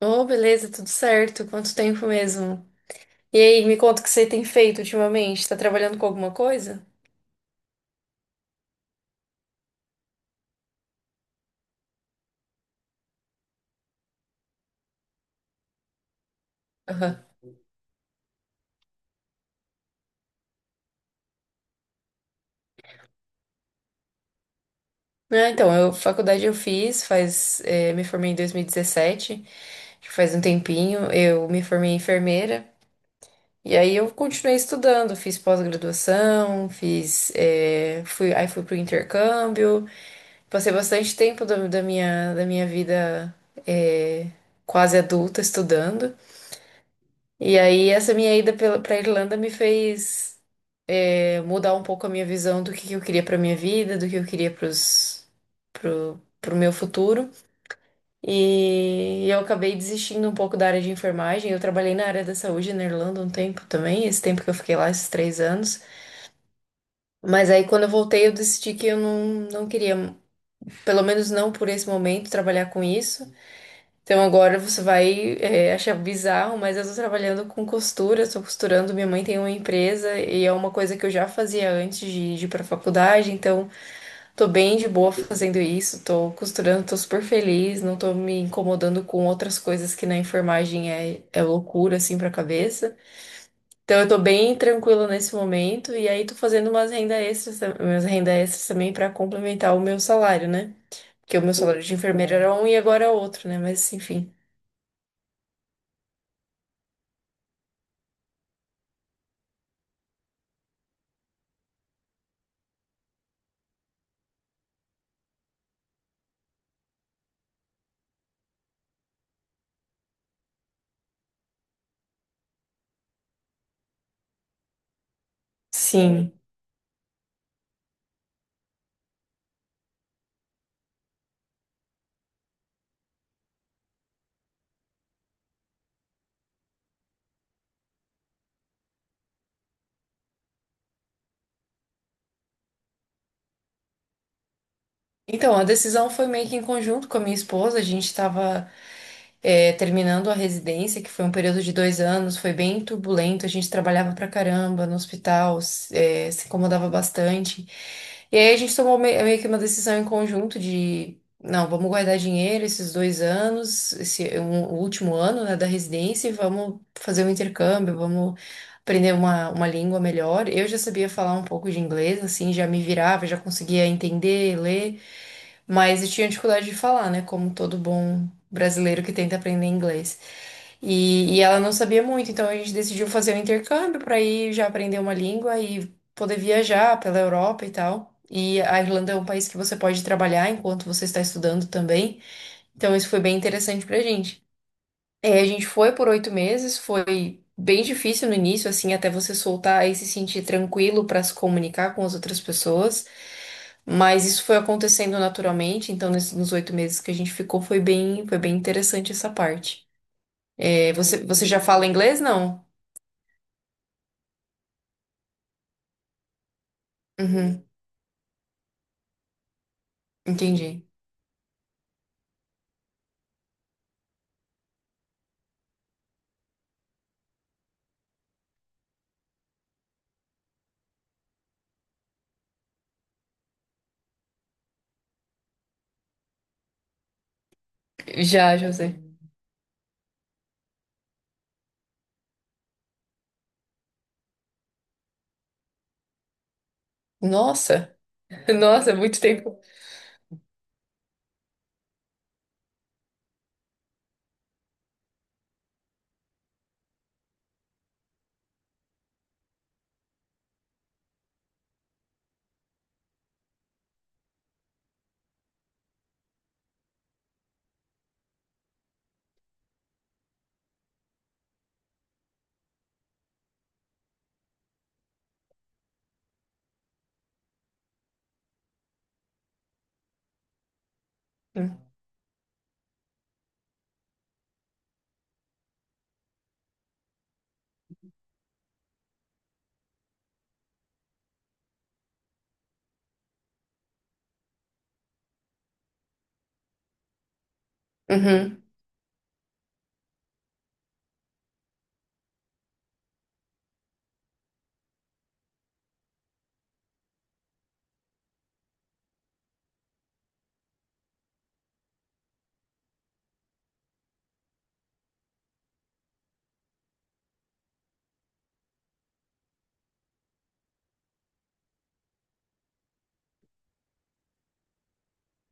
Oh, beleza, tudo certo. Quanto tempo mesmo? E aí, me conta o que você tem feito ultimamente. Tá trabalhando com alguma coisa? Aham. Ah, então, eu, faculdade eu fiz, faz, me formei em 2017, acho que faz um tempinho. Eu me formei em enfermeira. E aí eu continuei estudando, fiz pós-graduação, fiz, fui, aí fui pro intercâmbio. Passei bastante tempo da minha vida, eh, quase adulta estudando. E aí, essa minha pra Irlanda me fez mudar um pouco a minha visão do que eu queria pra minha vida, do que eu queria pro meu futuro. E eu acabei desistindo um pouco da área de enfermagem. Eu trabalhei na área da saúde na Irlanda um tempo também, esse tempo que eu fiquei lá, esses 3 anos. Mas aí, quando eu voltei, eu decidi que eu não, não queria, pelo menos não por esse momento, trabalhar com isso. Então agora você vai achar bizarro, mas eu tô trabalhando com costura, tô costurando, minha mãe tem uma empresa e é uma coisa que eu já fazia antes de ir pra faculdade, então tô bem de boa fazendo isso, tô costurando, tô super feliz, não tô me incomodando com outras coisas que na enfermagem é loucura assim pra cabeça. Então eu tô bem tranquila nesse momento e aí tô fazendo umas renda extras também pra complementar o meu salário, né? Porque o meu salário de enfermeira era um e agora é outro, né? Mas enfim. Sim. Então, a decisão foi meio que em conjunto com a minha esposa. A gente estava terminando a residência, que foi um período de 2 anos, foi bem turbulento. A gente trabalhava pra caramba no hospital, se incomodava bastante. E aí a gente tomou meio que uma decisão em conjunto de, não, vamos guardar dinheiro esses 2 anos, o último ano, né, da residência, e vamos fazer um intercâmbio, vamos aprender uma língua melhor. Eu já sabia falar um pouco de inglês, assim, já me virava, já conseguia entender, ler, mas eu tinha dificuldade de falar, né? Como todo bom brasileiro que tenta aprender inglês. E ela não sabia muito, então a gente decidiu fazer um intercâmbio para ir já aprender uma língua e poder viajar pela Europa e tal. E a Irlanda é um país que você pode trabalhar enquanto você está estudando também. Então isso foi bem interessante pra gente. É, a gente foi por 8 meses, foi bem difícil no início, assim, até você soltar e se sentir tranquilo para se comunicar com as outras pessoas. Mas isso foi acontecendo naturalmente, então nos 8 meses que a gente ficou foi bem interessante essa parte. É, você já fala inglês, não? Uhum, entendi. Já, José. Nossa, nossa, muito tempo. Uhum,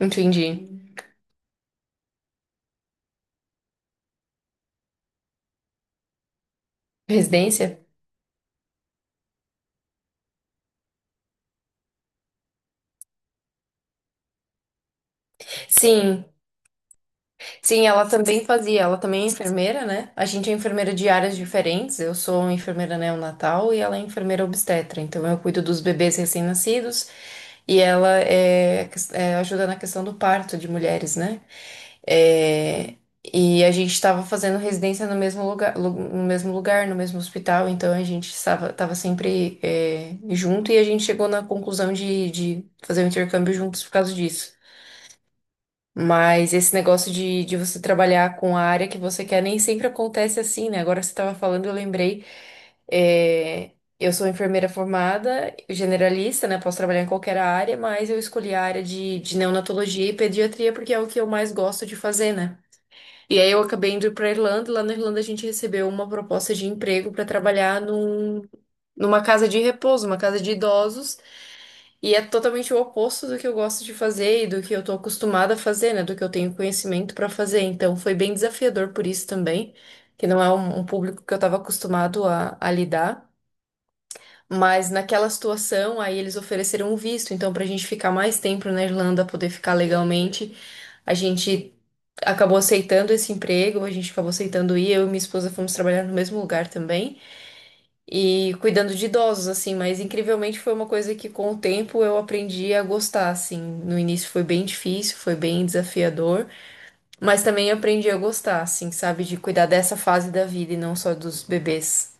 entendi. Residência? Sim. Sim, ela também fazia, ela também é enfermeira, né? A gente é enfermeira de áreas diferentes, eu sou enfermeira neonatal e ela é enfermeira obstetra, então eu cuido dos bebês recém-nascidos e ela ajuda na questão do parto de mulheres, né? É, e a gente estava fazendo residência no mesmo lugar, no mesmo lugar, no mesmo hospital, então a gente estava tava sempre junto e a gente chegou na conclusão de fazer o intercâmbio juntos por causa disso. Mas esse negócio de você trabalhar com a área que você quer nem sempre acontece assim, né? Agora você estava falando, eu lembrei. é, eu sou enfermeira formada, generalista, né? Posso trabalhar em qualquer área, mas eu escolhi a área de neonatologia e pediatria porque é o que eu mais gosto de fazer, né? E aí eu acabei indo para Irlanda. E lá na Irlanda a gente recebeu uma proposta de emprego para trabalhar numa casa de repouso, uma casa de idosos. E é totalmente o oposto do que eu gosto de fazer e do que eu tô acostumada a fazer, né? Do que eu tenho conhecimento pra fazer. Então foi bem desafiador por isso também, que não é um público que eu tava acostumado a lidar. Mas naquela situação, aí eles ofereceram um visto. Então, pra gente ficar mais tempo na Irlanda, poder ficar legalmente, a gente acabou aceitando esse emprego, a gente acabou aceitando ir. Eu e minha esposa fomos trabalhar no mesmo lugar também e cuidando de idosos, assim, mas incrivelmente foi uma coisa que com o tempo eu aprendi a gostar, assim. No início foi bem difícil, foi bem desafiador, mas também aprendi a gostar, assim, sabe, de cuidar dessa fase da vida e não só dos bebês.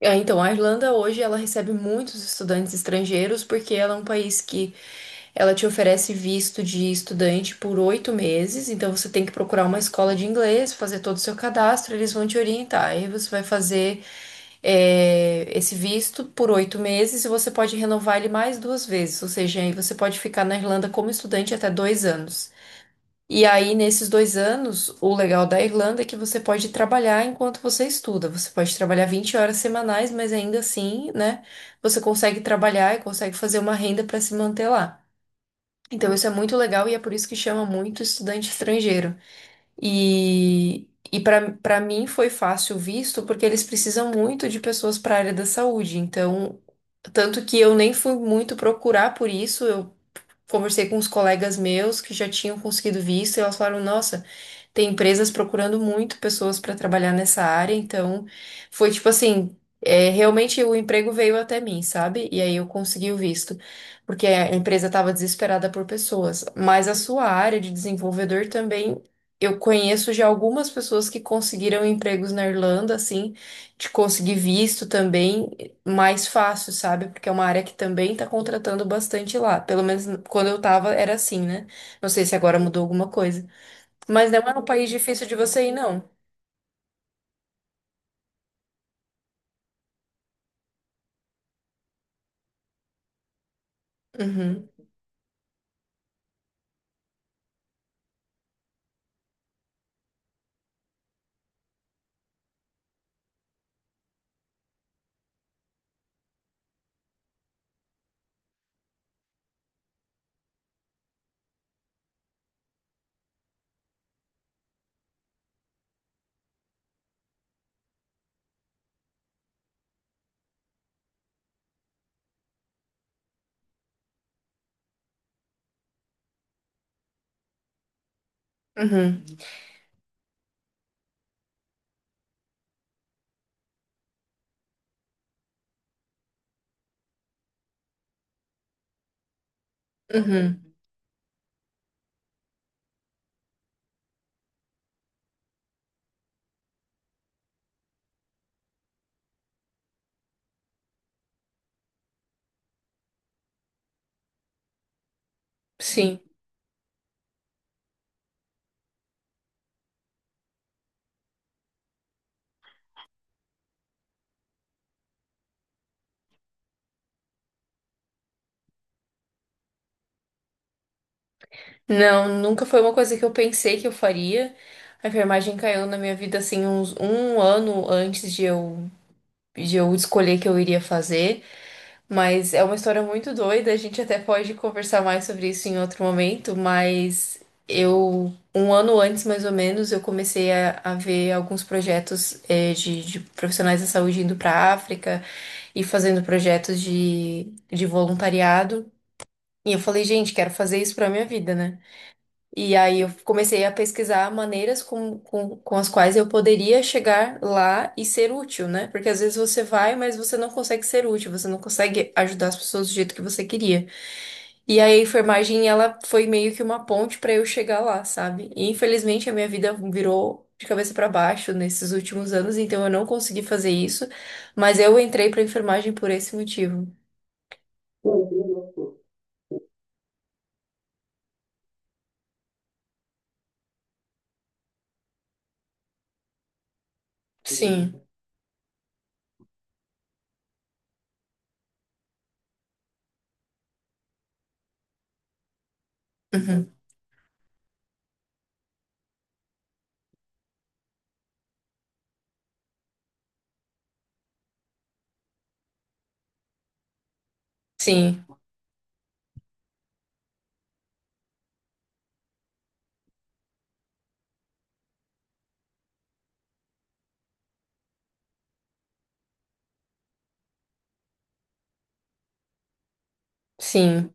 É, então, a Irlanda hoje ela recebe muitos estudantes estrangeiros porque ela é um país que ela te oferece visto de estudante por 8 meses, então você tem que procurar uma escola de inglês, fazer todo o seu cadastro, eles vão te orientar. Aí você vai fazer esse visto por 8 meses e você pode renovar ele mais duas vezes, ou seja, aí você pode ficar na Irlanda como estudante até 2 anos. E aí, nesses 2 anos, o legal da Irlanda é que você pode trabalhar enquanto você estuda. Você pode trabalhar 20 horas semanais, mas ainda assim, né, você consegue trabalhar e consegue fazer uma renda para se manter lá. Então, isso é muito legal e é por isso que chama muito estudante estrangeiro. E para mim foi fácil o visto, porque eles precisam muito de pessoas para a área da saúde. Então, tanto que eu nem fui muito procurar por isso, eu conversei com os colegas meus que já tinham conseguido visto e elas falaram, nossa. Tem empresas procurando muito pessoas para trabalhar nessa área, então foi tipo assim, realmente o emprego veio até mim, sabe? E aí eu consegui o visto, porque a empresa estava desesperada por pessoas. Mas a sua área de desenvolvedor também, eu conheço já algumas pessoas que conseguiram empregos na Irlanda, assim, de conseguir visto também mais fácil, sabe? Porque é uma área que também está contratando bastante lá. Pelo menos quando eu tava era assim, né? Não sei se agora mudou alguma coisa. Mas não é um país difícil de você ir, não. Uhum, uhum, uhum, sim. Não, nunca foi uma coisa que eu pensei que eu faria. A enfermagem caiu na minha vida assim uns um ano antes de eu escolher que eu iria fazer. Mas é uma história muito doida. A gente até pode conversar mais sobre isso em outro momento. Mas eu, um ano antes mais ou menos, eu comecei a ver alguns projetos de profissionais da saúde indo para África. E fazendo projetos de voluntariado. E eu falei, gente, quero fazer isso pra minha vida, né? E aí eu comecei a pesquisar maneiras com as quais eu poderia chegar lá e ser útil, né? Porque às vezes você vai, mas você não consegue ser útil, você não consegue ajudar as pessoas do jeito que você queria. E aí a enfermagem, ela foi meio que uma ponte para eu chegar lá, sabe? E infelizmente a minha vida virou de cabeça para baixo nesses últimos anos, então eu não consegui fazer isso, mas eu entrei para enfermagem por esse motivo. Sim. Uhum. Sim, sim.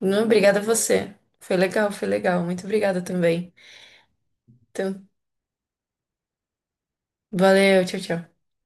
Não, obrigada a você. Foi legal, foi legal. Muito obrigada também. Então, valeu, tchau, tchau.